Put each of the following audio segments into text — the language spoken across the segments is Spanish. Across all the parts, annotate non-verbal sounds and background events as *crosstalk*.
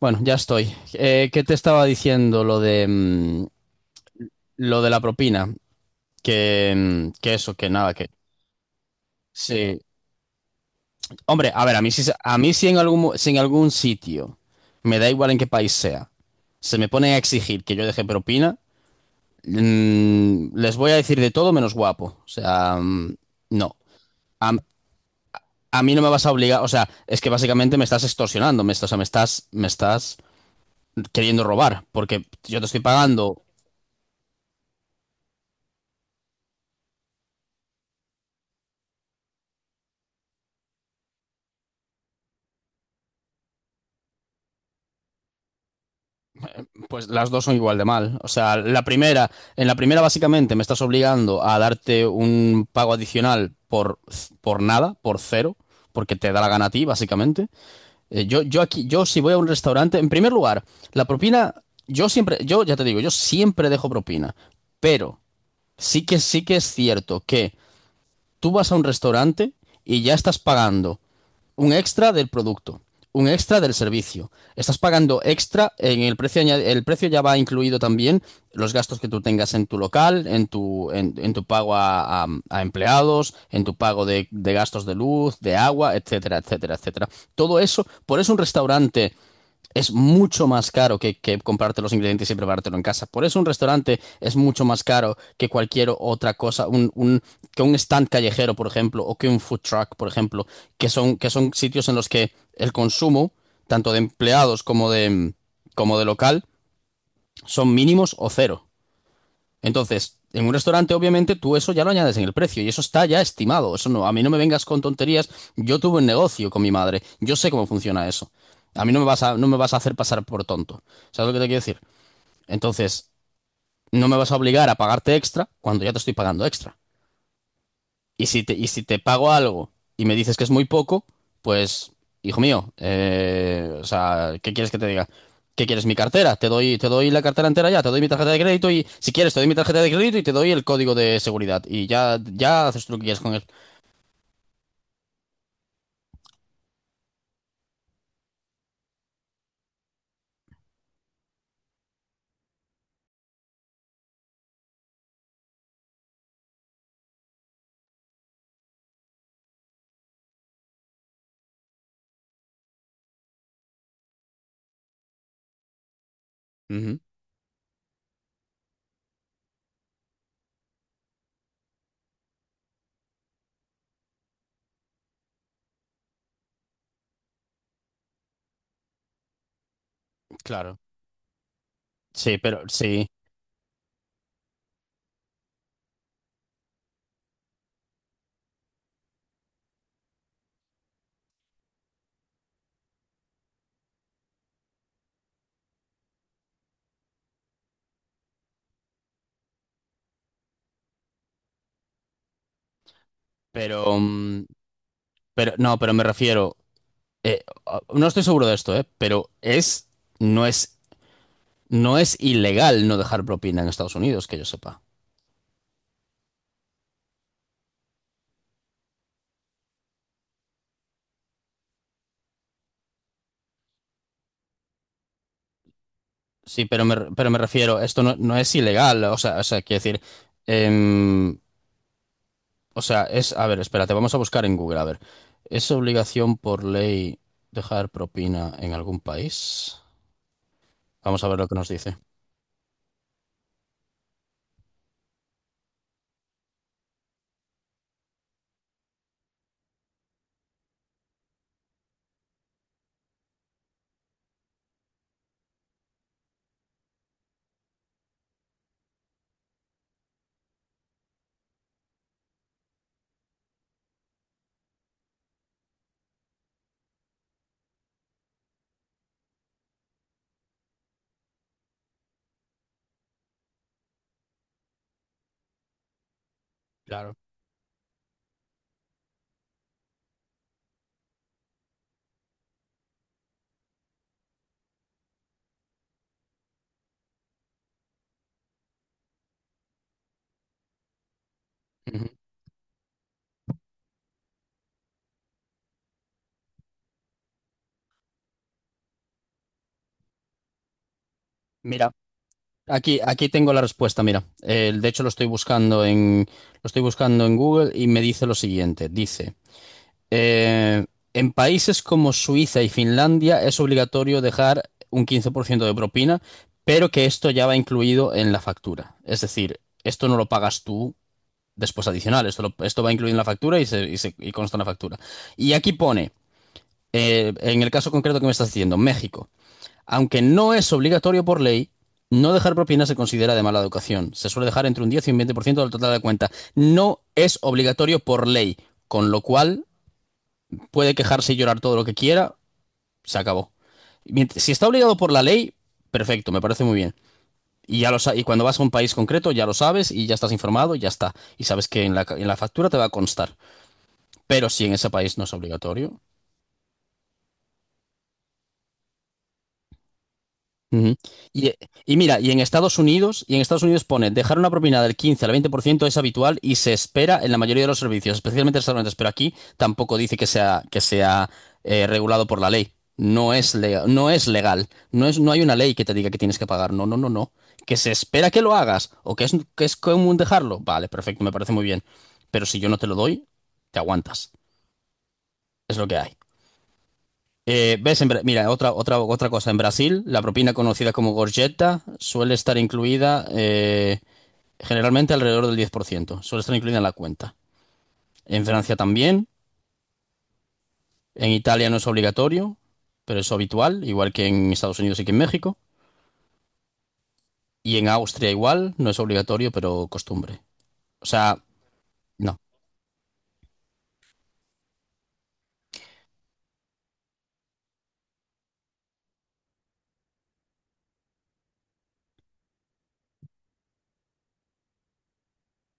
Bueno, ya estoy. ¿Qué te estaba diciendo lo de la propina? Que eso, que nada, que sí. Hombre, a ver, a mí sí si en algún sitio, me da igual en qué país sea, se me pone a exigir que yo deje propina, les voy a decir de todo menos guapo. O sea, no. A, a mí no me vas a obligar, o sea, es que básicamente me estás extorsionando, o sea, me estás queriendo robar, porque yo te estoy pagando. Pues las dos son igual de mal. O sea, en la primera básicamente me estás obligando a darte un pago adicional por nada, por cero, porque te da la gana a ti, básicamente. Yo si voy a un restaurante, en primer lugar, la propina, yo siempre, yo ya te digo, yo siempre dejo propina, pero sí que es cierto que tú vas a un restaurante y ya estás pagando un extra del producto, un extra del servicio. Estás pagando extra en el precio ya va incluido también los gastos que tú tengas en tu local, en tu pago a empleados, en tu pago de gastos de luz, de agua, etcétera, etcétera, etcétera. Todo eso, por eso un restaurante es mucho más caro que comprarte los ingredientes y preparártelo en casa. Por eso un restaurante es mucho más caro que cualquier otra cosa, que un stand callejero, por ejemplo, o que un food truck, por ejemplo, que son, sitios en los que el consumo, tanto de empleados como de local, son mínimos o cero. Entonces, en un restaurante, obviamente, tú eso ya lo añades en el precio y eso está ya estimado. Eso no, a mí no me vengas con tonterías. Yo tuve un negocio con mi madre. Yo sé cómo funciona eso. A mí no me vas a hacer pasar por tonto. ¿Sabes lo que te quiero decir? Entonces, no me vas a obligar a pagarte extra cuando ya te estoy pagando extra. Y si te pago algo y me dices que es muy poco, pues, hijo mío, o sea, ¿qué quieres que te diga? ¿Qué quieres? Mi cartera. Te doy la cartera entera ya, te doy mi tarjeta de crédito y, si quieres, te doy mi tarjeta de crédito y te doy el código de seguridad. Y ya haces tú lo que quieras con él. Ujú, claro. Sí, pero, sí, pero, mm, pero, no, pero me refiero, no estoy seguro de esto, pero es, no es, no es ilegal no dejar propina en Estados Unidos, que yo sepa. Sí, pero me refiero, esto no es ilegal, o sea, quiero decir, em, o sea, es, a ver, espérate, vamos a buscar en Google, a ver, ¿es obligación por ley dejar propina en algún país? Vamos a ver lo que nos dice. Claro. Ujú. Mira, aquí tengo la respuesta, mira. De hecho lo estoy buscando en Google y me dice lo siguiente, dice... Eh, en países como Suiza y Finlandia es obligatorio dejar un 15% de propina, pero que esto ya va incluido en la factura. Es decir, esto no lo pagas tú después adicional, esto, esto va incluido en la factura y consta en la factura. Y aquí pone, en el caso concreto que me estás diciendo, México, aunque no es obligatorio por ley, no dejar propina se considera de mala educación. Se suele dejar entre un 10 y un 20% del total de la cuenta. No es obligatorio por ley, con lo cual puede quejarse y llorar todo lo que quiera, se acabó. Si está obligado por la ley, perfecto, me parece muy bien. Y, y cuando vas a un país concreto ya lo sabes y ya estás informado y ya está. Y sabes que en la factura te va a constar. Pero si en ese país no es obligatorio... Ujú. Y, y mira, y en Estados Unidos pone, dejar una propina del 15 al 20% es habitual y se espera en la mayoría de los servicios, especialmente restaurantes, pero aquí tampoco dice que sea regulado por la ley. No es legal, no es legal. No hay una ley que te diga que tienes que pagar. No, no, no, no. Que se espera que lo hagas o que es común dejarlo. Vale, perfecto, me parece muy bien. Pero si yo no te lo doy, te aguantas. Es lo que hay. ¿Ves? Mira, otra cosa. En Brasil, la propina conocida como gorjeta suele estar incluida, generalmente alrededor del 10%. Suele estar incluida en la cuenta. En Francia también. En Italia no es obligatorio, pero es habitual, igual que en Estados Unidos y que en México. Y en Austria igual, no es obligatorio, pero costumbre. O sea, no.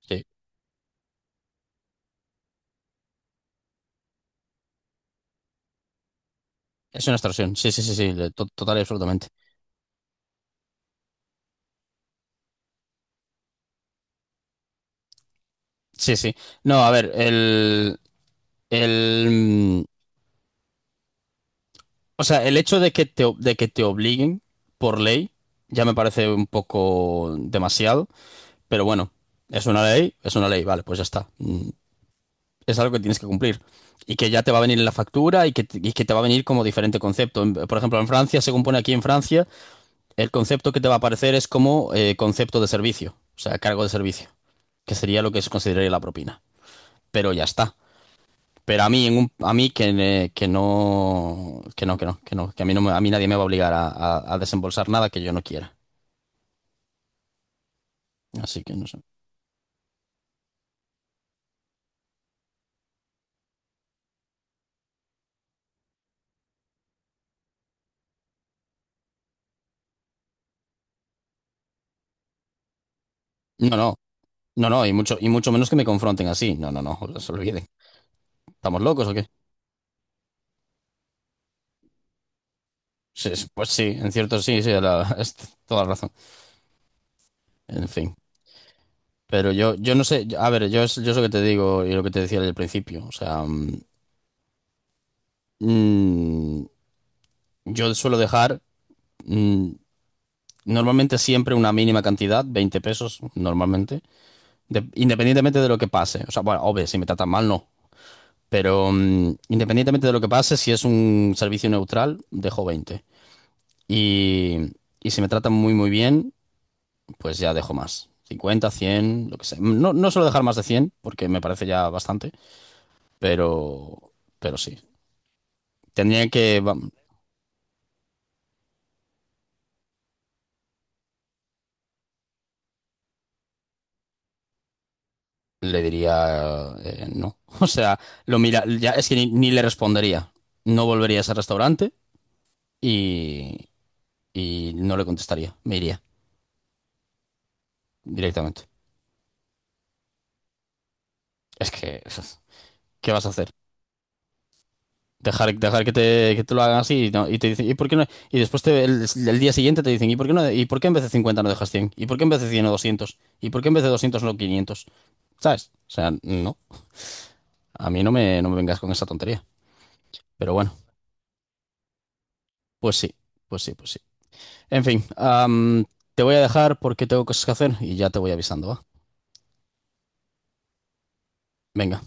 Sí. Es una extorsión. Sí, sí, sí, sí. Total y absolutamente. Sí, sí. No, a ver, el, mm, o sea, el hecho de que te obliguen por ley ya me parece un poco demasiado, pero bueno, es una ley, vale, pues ya está. Es algo que tienes que cumplir y que ya te va a venir en la factura y que te va a venir como diferente concepto. Por ejemplo, en Francia, según pone aquí en Francia, el concepto que te va a aparecer es como, concepto de servicio, o sea, cargo de servicio, que sería lo que se consideraría la propina. Pero ya está. Pero a mí, a mí que, que no, que no, que no, que no, que a mí, a mí nadie me va a obligar a desembolsar nada que yo no quiera. Así que no sé. No, no, no, no, y mucho menos que me confronten así. No, no, no, se olviden. ¿Estamos locos o qué? Sí, sí, pues sí, en cierto sí, sí, *laughs* es toda la razón. En fin. Pero yo no sé, a ver, yo es lo que te digo y lo que te decía al principio. O sea, mm, yo suelo dejar, mm, normalmente siempre una mínima cantidad, 20 pesos, normalmente. Independientemente de lo que pase. O sea, bueno, obvio, si me tratan mal, no. Pero, independientemente de lo que pase, si es un servicio neutral, dejo 20. Y, y si me tratan muy, muy bien, pues ya dejo más: 50, 100, lo que sea. No, no suelo dejar más de 100 porque me parece ya bastante, pero, pero sí. Tendría que... Le diría, no. *laughs* O sea, lo mira, ya es que ni le respondería. No volvería a ese restaurante y, y no le contestaría. Me iría directamente. Es que, *laughs* ¿qué vas a hacer? Dejar que te lo hagan así y, no- y te dicen, ¿y por qué no? Y después el día siguiente te dicen, ¿y por qué no? ¿Y por qué en vez de 50 no dejas 100? ¿Y por qué en vez de 100 o 200? ¿Y por qué en vez de 200 no 500? ¿Sabes? O sea, no. A mí no me vengas con esa tontería. Pero bueno, pues sí, pues sí, pues sí. En fin, te voy a dejar porque tengo cosas que hacer y ya te voy avisando, ¿va? Venga.